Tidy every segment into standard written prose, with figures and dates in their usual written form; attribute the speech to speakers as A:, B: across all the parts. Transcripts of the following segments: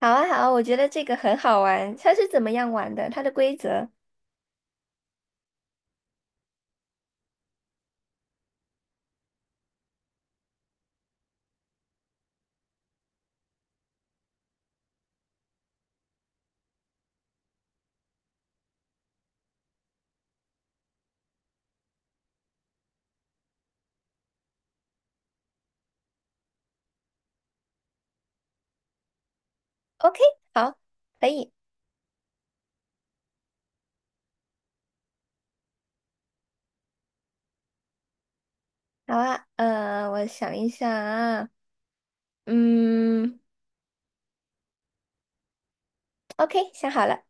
A: 好啊，好啊，我觉得这个很好玩。它是怎么样玩的？它的规则？OK，好，可以，好啊。我想一下，啊，嗯，OK，想好了，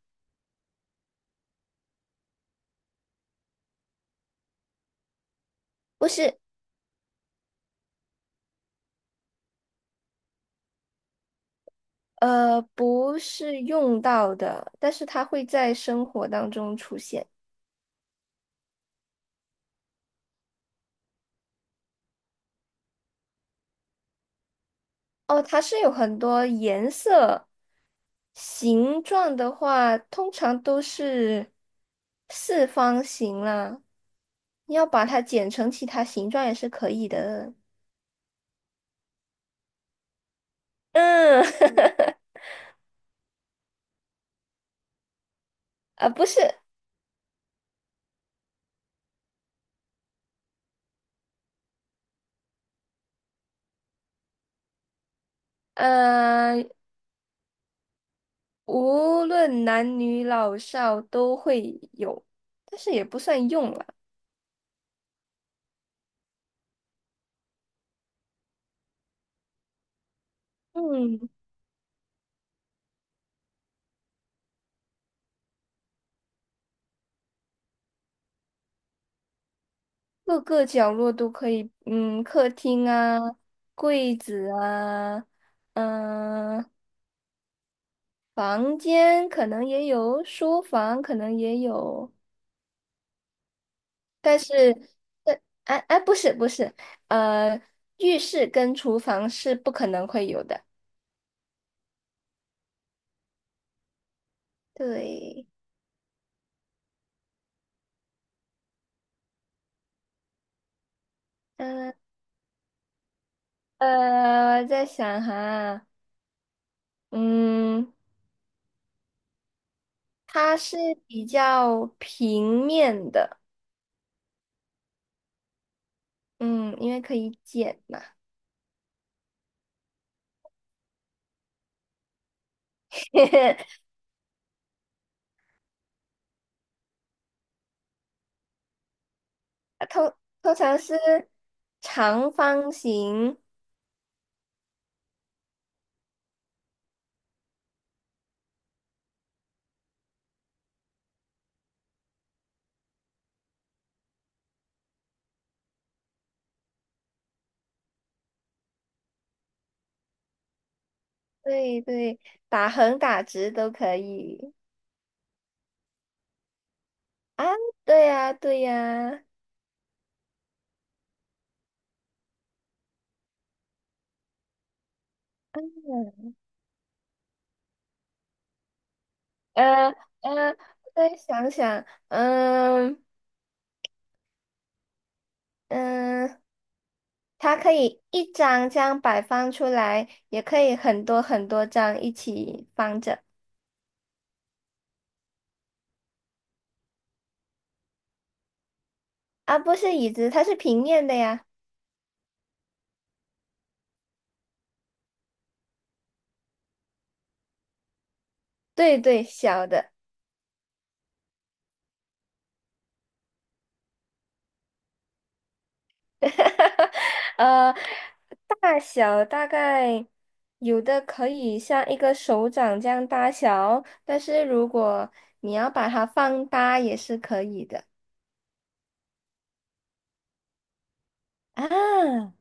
A: 不是，不是用到的，但是它会在生活当中出现。哦，它是有很多颜色、形状的话，通常都是四方形啦。你要把它剪成其他形状也是可以的。嗯，啊，不是，呃，无论男女老少都会有，但是也不算用了。嗯，各个角落都可以，嗯，客厅啊，柜子啊，嗯、房间可能也有，书房可能也有，但是，但，哎哎，不是不是，呃，浴室跟厨房是不可能会有的。对，我在想哈，嗯，它是比较平面的，嗯，因为可以剪嘛，通通常是长方形，对对，打横打直都可以啊，对呀对呀，嗯呃呃，我再想想，嗯嗯，它可以一张这样摆放出来，也可以很多很多张一起放着。啊，不是椅子，它是平面的呀。对对，小的，呃，大小大概有的可以像一个手掌这样大小，但是如果你要把它放大也是可以的。啊，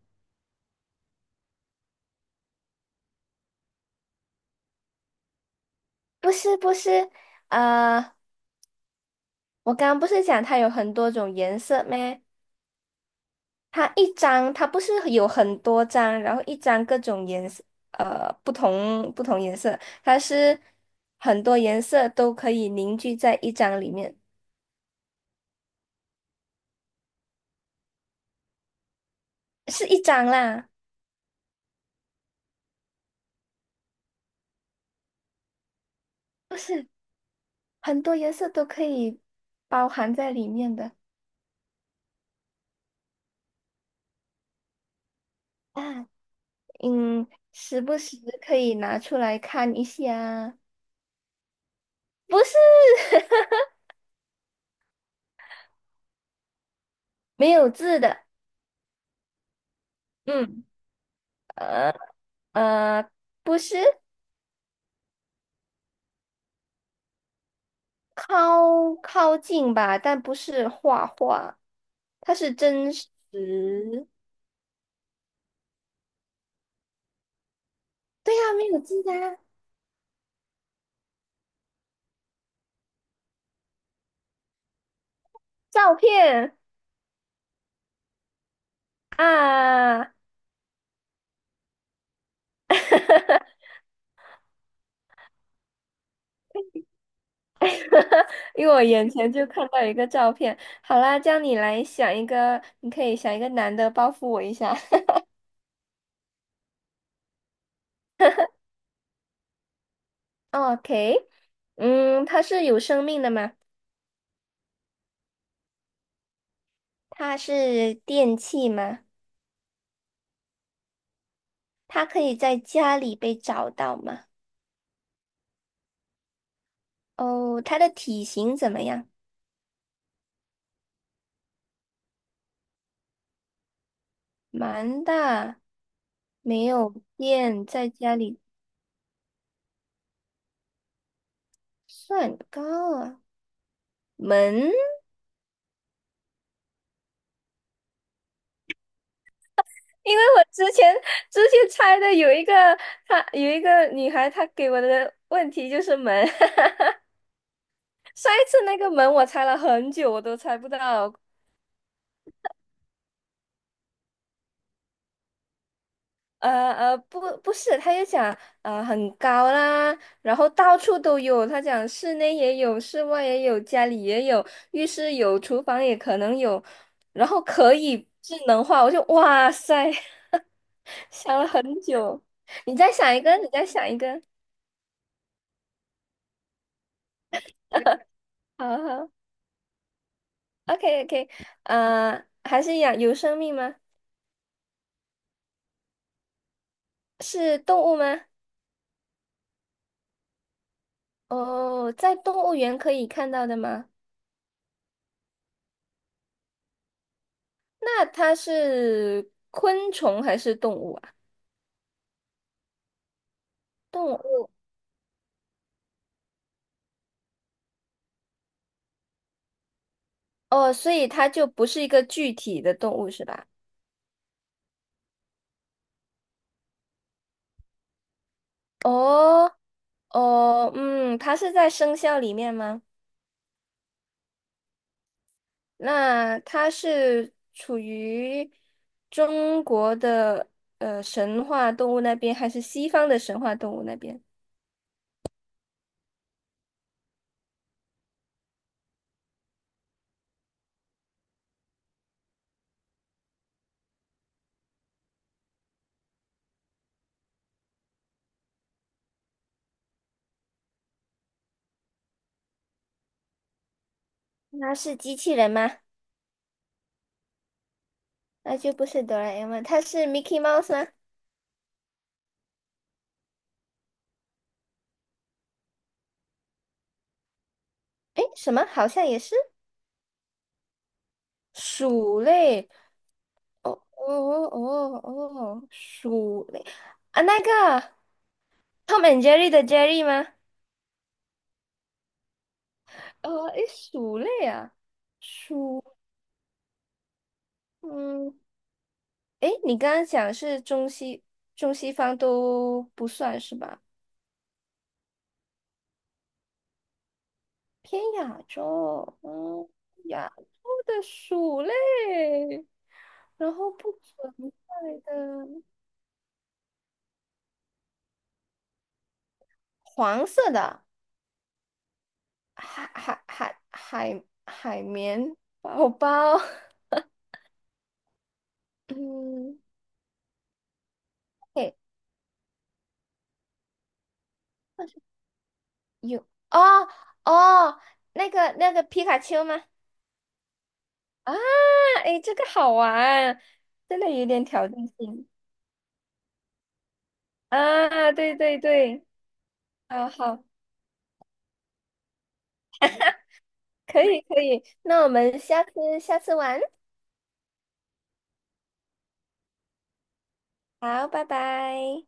A: 不是不是，呃，我刚刚不是讲它有很多种颜色吗？它一张，它不是有很多张，然后一张各种颜色，不同颜色，它是很多颜色都可以凝聚在一张里面，是一张啦，不是很多颜色都可以包含在里面的啊，嗯，时不时可以拿出来看一下，不是 没有字的，嗯，呃呃，不是。靠近吧，但不是画画，它是真实。对呀、没有记啊，照片啊，因为我眼前就看到一个照片。好啦，叫你来想一个，你可以想一个男的报复我一下。OK，嗯，他是有生命的吗？他是电器吗？他可以在家里被找到吗？哦，他的体型怎么样？蛮大。没有变，在家里算高啊。门，因为我之前猜的有一个，她有一个女孩，她给我的问题就是门。上一次那个门我猜了很久，我都猜不到。不是，她就讲很高啦，然后到处都有。她讲室内也有，室外也有，家里也有，浴室有，厨房也可能有，然后可以智能化。我就哇塞。想了很久，你再想一个，你再想一个，好好，OK OK，还是一样，有生命吗？是动物吗？哦，在动物园可以看到的吗？那它是昆虫还是动物啊？动物，哦，所以它就不是一个具体的动物是吧？哦哦，嗯，它是在生肖里面吗？那它是处于中国的神话动物那边，还是西方的神话动物那边？那是机器人吗？那就不是哆啦 A 梦，它是 Mickey Mouse 吗？诶，什么？好像也是鼠类。哦哦哦哦，哦，鼠类啊，那个 Tom and Jerry 的 Jerry 吗？诶，鼠类啊，鼠，嗯。诶，你刚刚讲是中西方都不算是吧？偏亚洲，嗯，亚洲的鼠类，然后不存在的黄色的海绵宝宝，嗯，对，有哦哦，那个皮卡丘吗？啊，诶，这个好玩，真的有点挑战性啊！对对对。啊，好，可以可以，那我们下次玩，好，拜拜。